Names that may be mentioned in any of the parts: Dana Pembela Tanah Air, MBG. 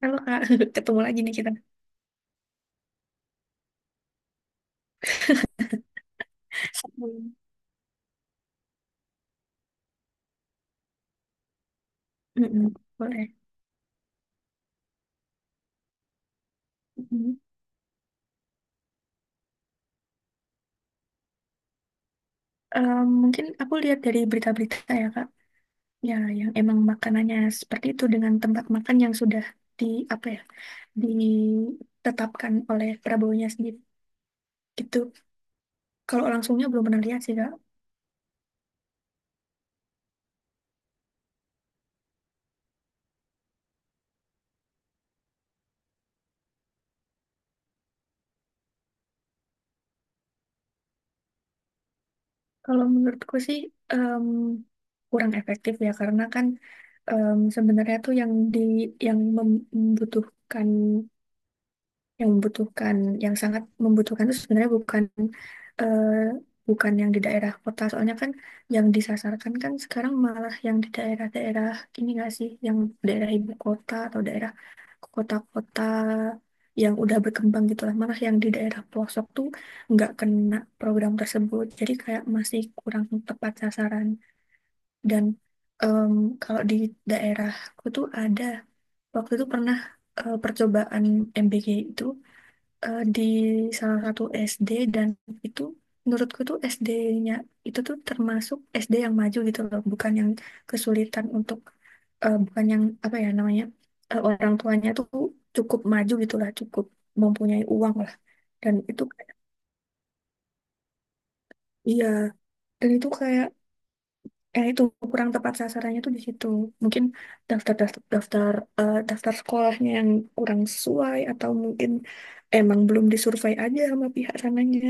Halo Kak, ketemu lagi nih kita. Sebelum. Mm-mm, boleh. Mm-mm. Eh, mungkin aku lihat dari berita-berita ya Kak, ya yang emang makanannya seperti itu dengan tempat makan yang sudah di apa ya ditetapkan oleh Prabowo-nya sendiri. Gitu. Kalau langsungnya belum pernah lihat sih Kak. Kalau menurutku sih em, kurang efektif ya karena kan sebenarnya tuh yang di yang membutuhkan yang membutuhkan yang sangat membutuhkan itu sebenarnya eh, bukan yang di daerah kota soalnya kan yang disasarkan kan sekarang malah yang di daerah-daerah ini nggak sih yang daerah ibu kota atau daerah kota-kota yang udah berkembang gitu lah, malah yang di daerah pelosok tuh nggak kena program tersebut jadi kayak masih kurang tepat sasaran. Dan em, kalau di daerahku tuh ada waktu itu pernah percobaan MBG itu di salah satu SD. Dan itu menurutku tuh SD-nya itu tuh termasuk SD yang maju gitu loh, bukan yang kesulitan untuk bukan yang apa ya namanya orang tuanya tuh cukup maju gitu lah, cukup mempunyai uang lah. Dan itu kayak- iya, dan itu kayak itu kurang tepat sasarannya tuh di situ. Mungkin daftar daftar daftar eh, daftar sekolahnya yang kurang sesuai atau mungkin emang belum disurvei aja sama pihak sananya.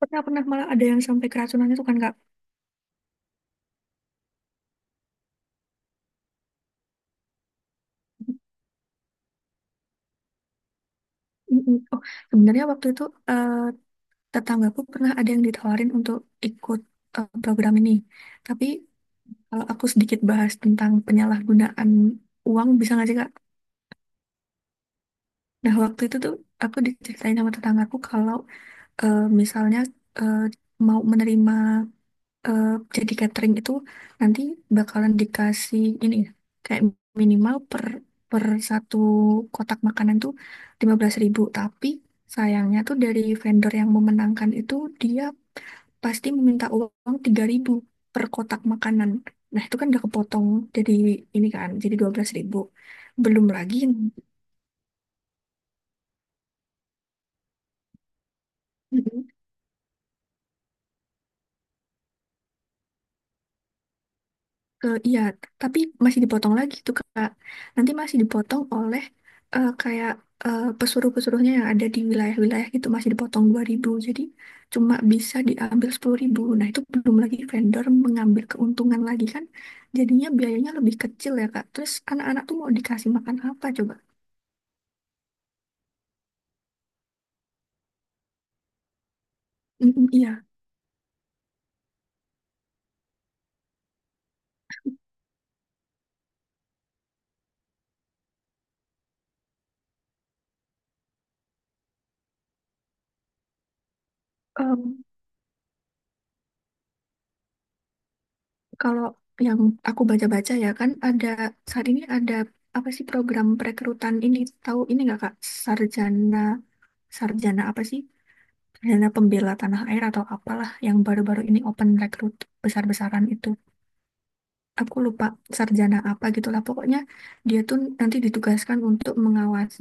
Pernah pernah, malah ada yang sampai keracunan itu kan Kak. Mm-mm. Oh, sebenarnya waktu itu eh, tetanggaku pernah ada yang ditawarin untuk ikut program ini. Tapi kalau aku sedikit bahas tentang penyalahgunaan uang bisa nggak sih Kak? Nah, waktu itu tuh aku diceritain sama tetanggaku kalau misalnya eh, mau menerima eh, jadi catering itu, nanti bakalan dikasih ini ya, kayak minimal per per satu kotak makanan tuh 15.000. Tapi sayangnya tuh dari vendor yang memenangkan itu, dia pasti meminta uang 3.000 per kotak makanan. Nah, itu kan udah kepotong, jadi ini kan, jadi 12.000. Belum lagi iya, tapi masih dipotong lagi tuh Kak. Nanti masih dipotong oleh kayak pesuruh-pesuruhnya yang ada di wilayah-wilayah gitu, masih dipotong 2.000. Jadi cuma bisa diambil 10.000. Nah, itu belum lagi vendor mengambil keuntungan lagi kan. Jadinya biayanya lebih kecil ya Kak. Terus anak-anak tuh mau dikasih makan apa coba? Mm, iya. Em, kalau yang aku baca-baca ya, kan ada saat ini ada apa sih program perekrutan ini, tahu ini nggak Kak? Sarjana sarjana apa sih, Dana Pembela Tanah Air atau apalah yang baru-baru ini open rekrut besar-besaran itu. Aku lupa sarjana apa gitulah. Pokoknya dia tuh nanti ditugaskan untuk mengawasi.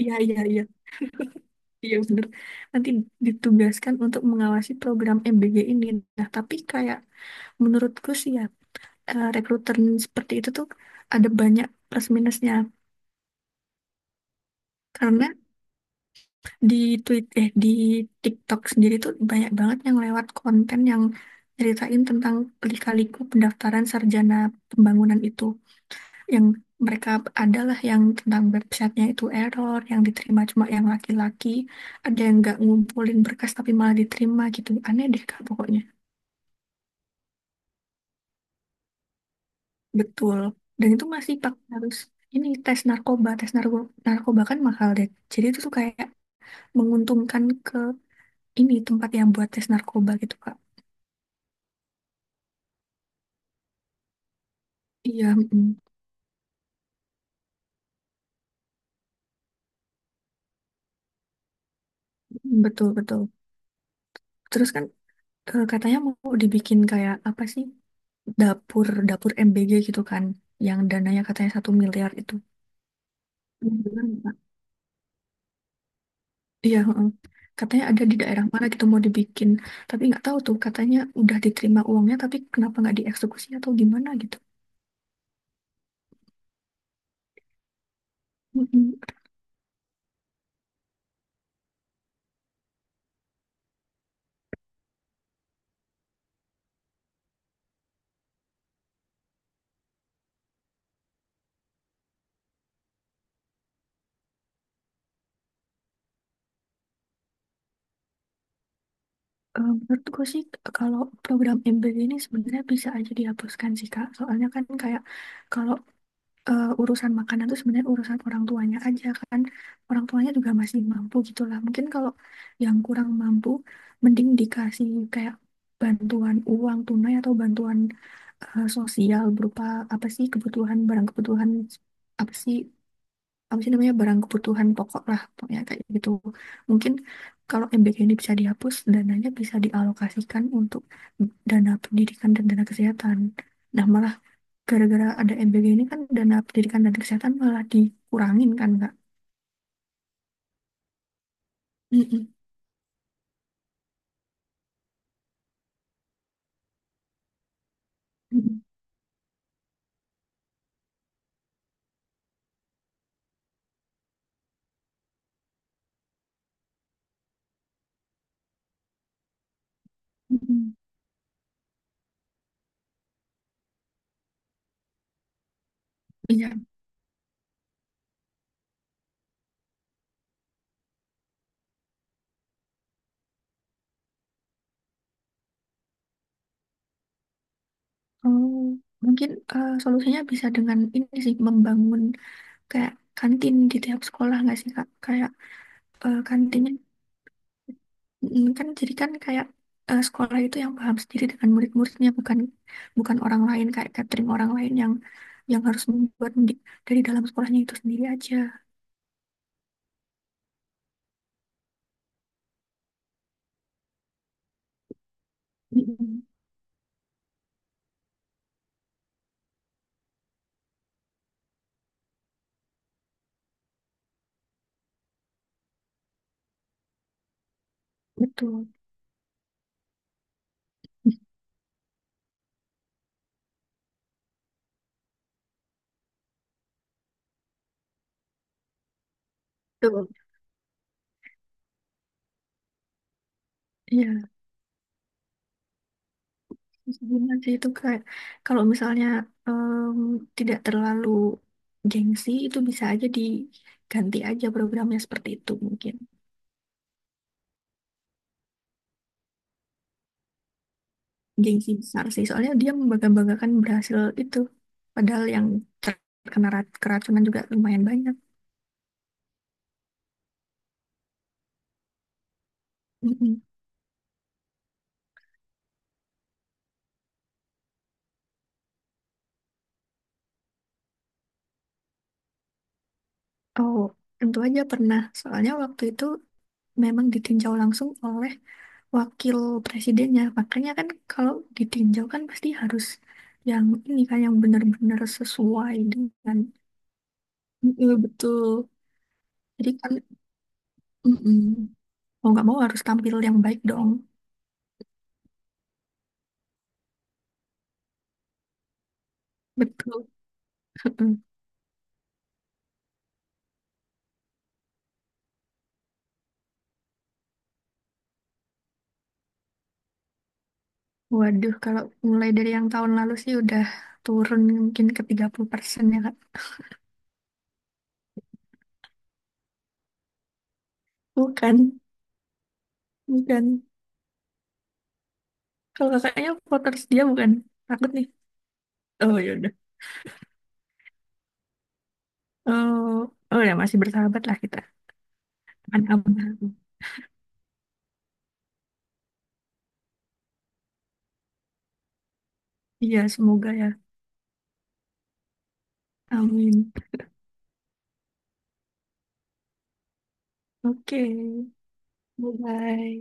Iya, iya, iya. Iya, bener. Nanti ditugaskan untuk mengawasi program MBG ini. Nah, tapi kayak menurutku sih ya, rekruter seperti itu tuh ada banyak plus minusnya. Karena di tweet eh di TikTok sendiri tuh banyak banget yang lewat konten yang ceritain tentang lika-liku pendaftaran sarjana pembangunan itu, yang mereka adalah yang tentang websitenya itu error, yang diterima cuma yang laki-laki, ada yang nggak ngumpulin berkas tapi malah diterima gitu. Aneh deh Kak pokoknya. Betul. Dan itu masih pakai harus ini tes narkoba tes narko narkoba kan mahal deh, jadi itu tuh kayak menguntungkan ke ini tempat yang buat tes narkoba gitu Kak. Iya, mm. Betul, betul. Terus kan katanya mau dibikin kayak apa sih? Dapur, dapur MBG gitu kan. Yang dananya katanya 1 miliar itu. Iya, benar, Pak. Iya, heeh. Katanya ada di daerah mana gitu mau dibikin. Tapi nggak tahu tuh katanya udah diterima uangnya tapi kenapa nggak dieksekusi atau gimana gitu. Mm-mm. Menurut gue sih kalau program MBG ini sebenarnya bisa aja dihapuskan sih Kak. Soalnya kan kayak, kalau urusan makanan tuh sebenarnya urusan orang tuanya aja kan, orang tuanya juga masih mampu gitulah. Mungkin kalau yang kurang mampu mending dikasih kayak bantuan uang tunai atau bantuan sosial berupa apa sih, kebutuhan barang, kebutuhan apa sih, apa sih namanya, barang kebutuhan pokok lah pokoknya kayak gitu. Mungkin kalau MBK ini bisa dihapus, dananya bisa dialokasikan untuk dana pendidikan dan dana kesehatan. Nah malah gara-gara ada MBG ini kan, dana pendidikan dan kesehatan malah dikurangin kan Kak. Mm-mm. Mm-mm. Mm-mm. Iya. Oh, mungkin solusinya bisa dengan ini sih, membangun kayak kantin di tiap sekolah nggak sih Kak? Kayak kantinnya, kan jadi kan kayak sekolah itu yang paham sendiri dengan murid-muridnya, bukan bukan orang lain kayak catering orang lain yang harus membuat dari dalam sekolahnya itu sendiri aja. Mm-mm. Betul. Betul. Iya. Terus gimana sih itu kayak kalau misalnya em, tidak terlalu gengsi itu bisa aja diganti aja programnya seperti itu. Mungkin gengsi besar sih, soalnya dia membangga-banggakan berhasil itu padahal yang terkena keracunan juga lumayan banyak. Mm-mm. Oh, tentu aja pernah, soalnya waktu itu memang ditinjau langsung oleh wakil presidennya. Makanya kan kalau ditinjau kan pasti harus yang ini kan, yang benar-benar sesuai dengan mm betul. Jadi kan, mm-mm. Mau nggak mau harus tampil yang baik dong. Betul. Mm-mm. Waduh, kalau mulai dari yang tahun lalu sih udah turun mungkin ke 30% ya, Kak. Bukan, bukan. Kalau kakaknya voters dia bukan? Takut nih. Oh, ya udah. Oh, oh, ya masih bersahabat lah kita. Aman-aman. Iya, semoga ya. Amin. Oke, bye-bye.